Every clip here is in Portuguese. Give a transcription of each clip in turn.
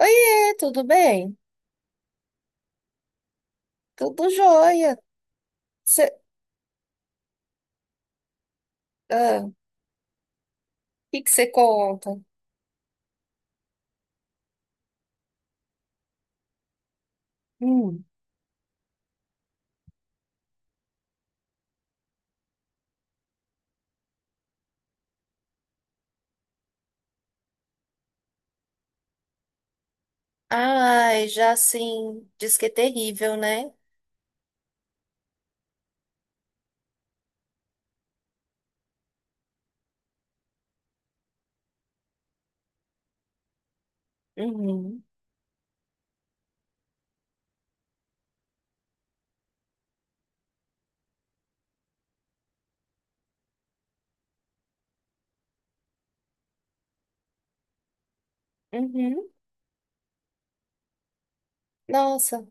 Oiê, tudo bem? Tudo jóia. Cê, ah, o que que você conta? Hum. Ai, já assim, diz que é terrível, né? Uhum, uhum. Nossa,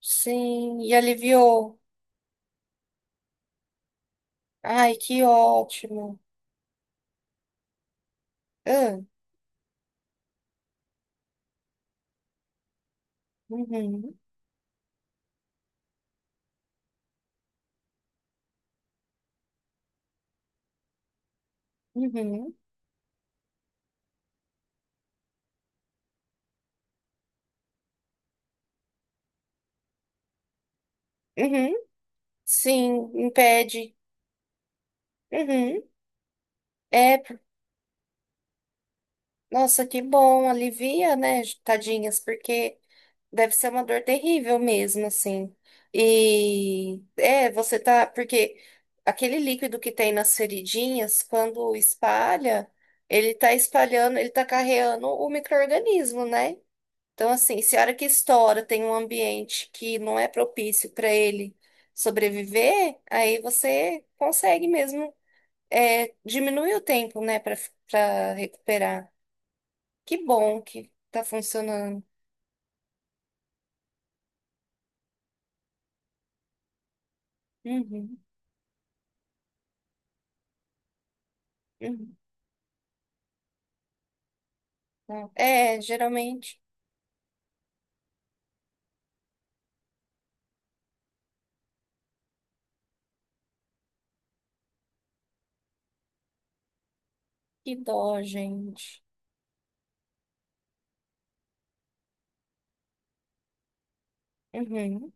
sim, e aliviou. Ai, que ótimo. Ah, uhum, uhum, uhum. Sim, impede. Uhum. É, nossa, que bom, alivia, né, tadinhas, porque deve ser uma dor terrível mesmo, assim. E é, você tá, porque aquele líquido que tem nas feridinhas, quando espalha, ele tá espalhando, ele tá carreando o micro-organismo, né? Então, assim, se a hora que estoura tem um ambiente que não é propício para ele sobreviver, aí você consegue mesmo diminuir o tempo, né, para recuperar. Que bom que tá funcionando. Uhum, uhum. Tá. É, geralmente. Que dó, gente. Uhum.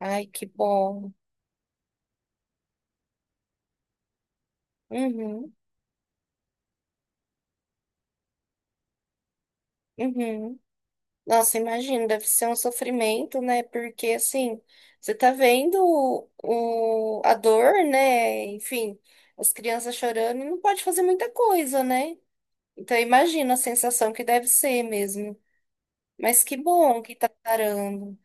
Ai, que bom. Uhum, uhum. Nossa, imagina, deve ser um sofrimento, né? Porque assim, você tá vendo o, a dor, né? Enfim, as crianças chorando e não pode fazer muita coisa, né? Então imagina a sensação que deve ser mesmo. Mas que bom que tá parando.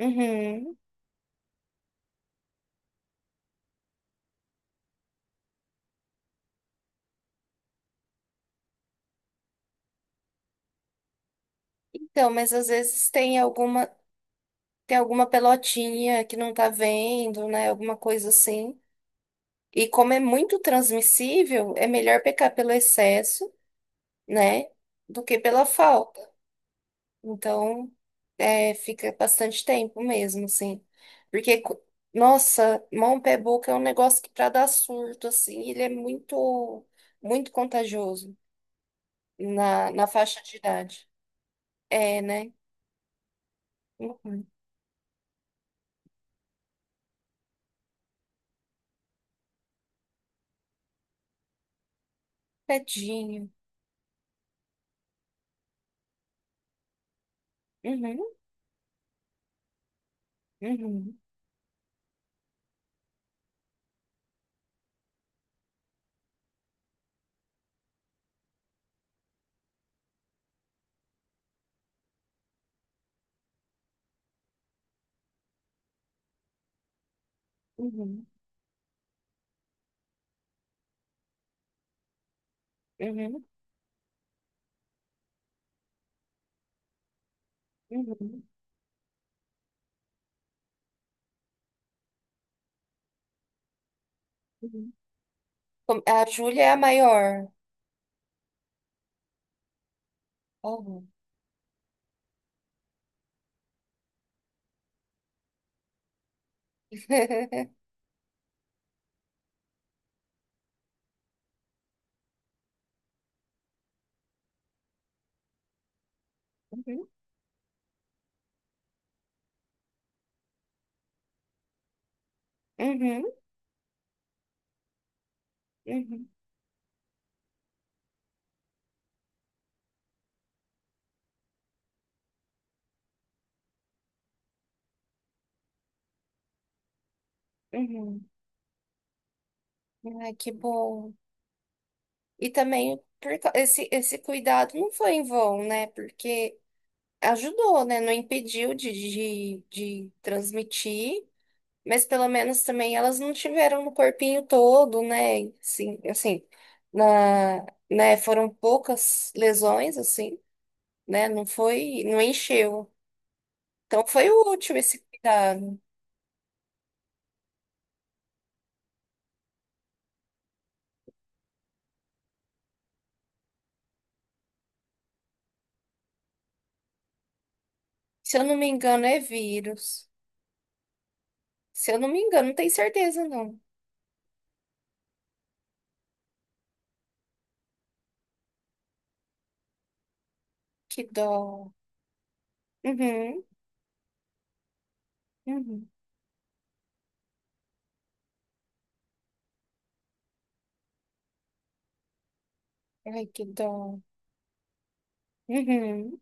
Uhum. Então, mas às vezes tem alguma. Tem alguma pelotinha que não tá vendo, né? Alguma coisa assim. E como é muito transmissível, é melhor pecar pelo excesso, né? Do que pela falta. Então, fica bastante tempo mesmo, assim. Porque, nossa, mão, pé, boca é um negócio que pra dar surto, assim, ele é muito, muito contagioso na faixa de idade. É, né? Uhum. Tadinho. Uhum, uhum, uhum, uhum, uhum. Uhum. A Júlia é a maior. Uhum. Uhum. Uhum, uhum, uhum. Ai, que bom. E também esse cuidado não foi em vão, né? Porque ajudou, né? Não impediu de transmitir, mas pelo menos também elas não tiveram no corpinho todo, né? Sim, assim, na, né? Foram poucas lesões, assim, né? Não foi, não encheu. Então foi útil esse cuidado. Se eu não me engano, é vírus. Se eu não me engano, não tenho certeza, não. Que dó. Uhum, uhum. Ai, que dó. Uhum.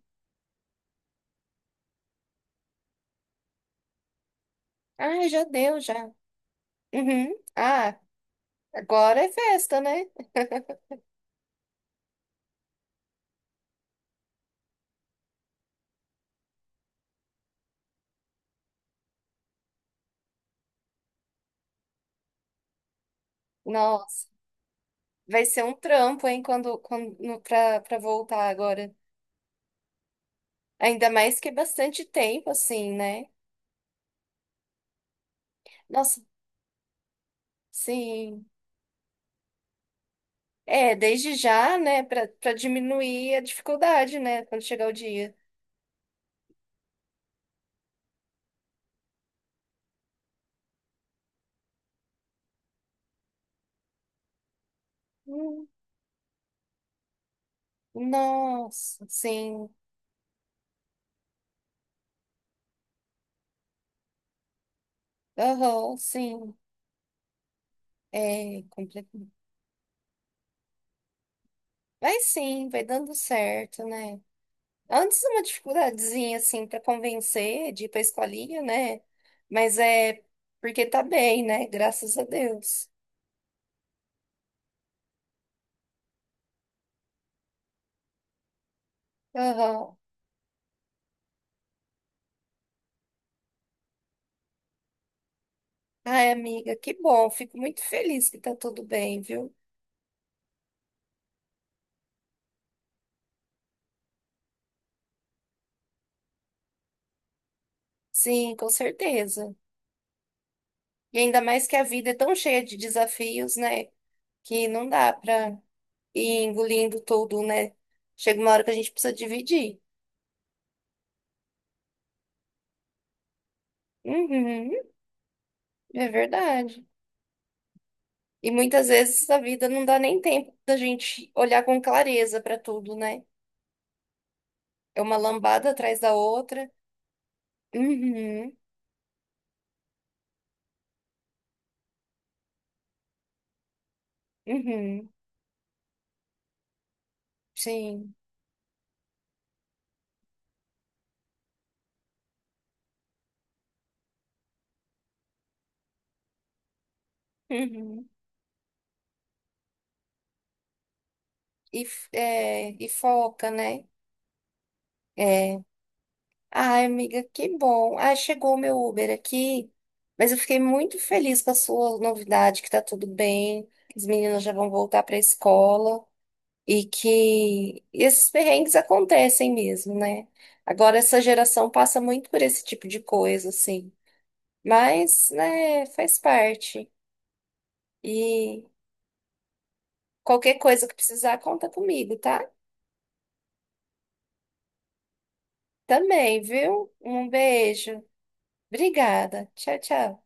Ai, já deu, já. Uhum. Ah, agora é festa, né? Nossa, vai ser um trampo, hein, quando pra voltar agora. Ainda mais que é bastante tempo, assim, né? Nossa, sim. É, desde já, né, pra diminuir a dificuldade, né, quando chegar o dia. Hum. Nossa, sim. Aham, sim, é completamente. Mas sim, vai dando certo, né? Antes uma dificuldadezinha assim para convencer de ir para escolinha, né? Mas é porque tá bem, né? Graças a Deus. Aham. Ai, amiga, que bom. Fico muito feliz que tá tudo bem, viu? Sim, com certeza. E ainda mais que a vida é tão cheia de desafios, né? Que não dá para ir engolindo tudo, né? Chega uma hora que a gente precisa dividir. Uhum. É verdade. E muitas vezes a vida não dá nem tempo da gente olhar com clareza para tudo, né? É uma lambada atrás da outra. Uhum, uhum, sim. Uhum. E foca, né? É. Ai, amiga, que bom. Ah, chegou o meu Uber aqui, mas eu fiquei muito feliz com a sua novidade, que tá tudo bem, que as meninas já vão voltar para a escola. E que esses perrengues acontecem mesmo, né? Agora, essa geração passa muito por esse tipo de coisa, assim. Mas, né, faz parte. E qualquer coisa que precisar, conta comigo, tá? Também, viu? Um beijo. Obrigada. Tchau, tchau.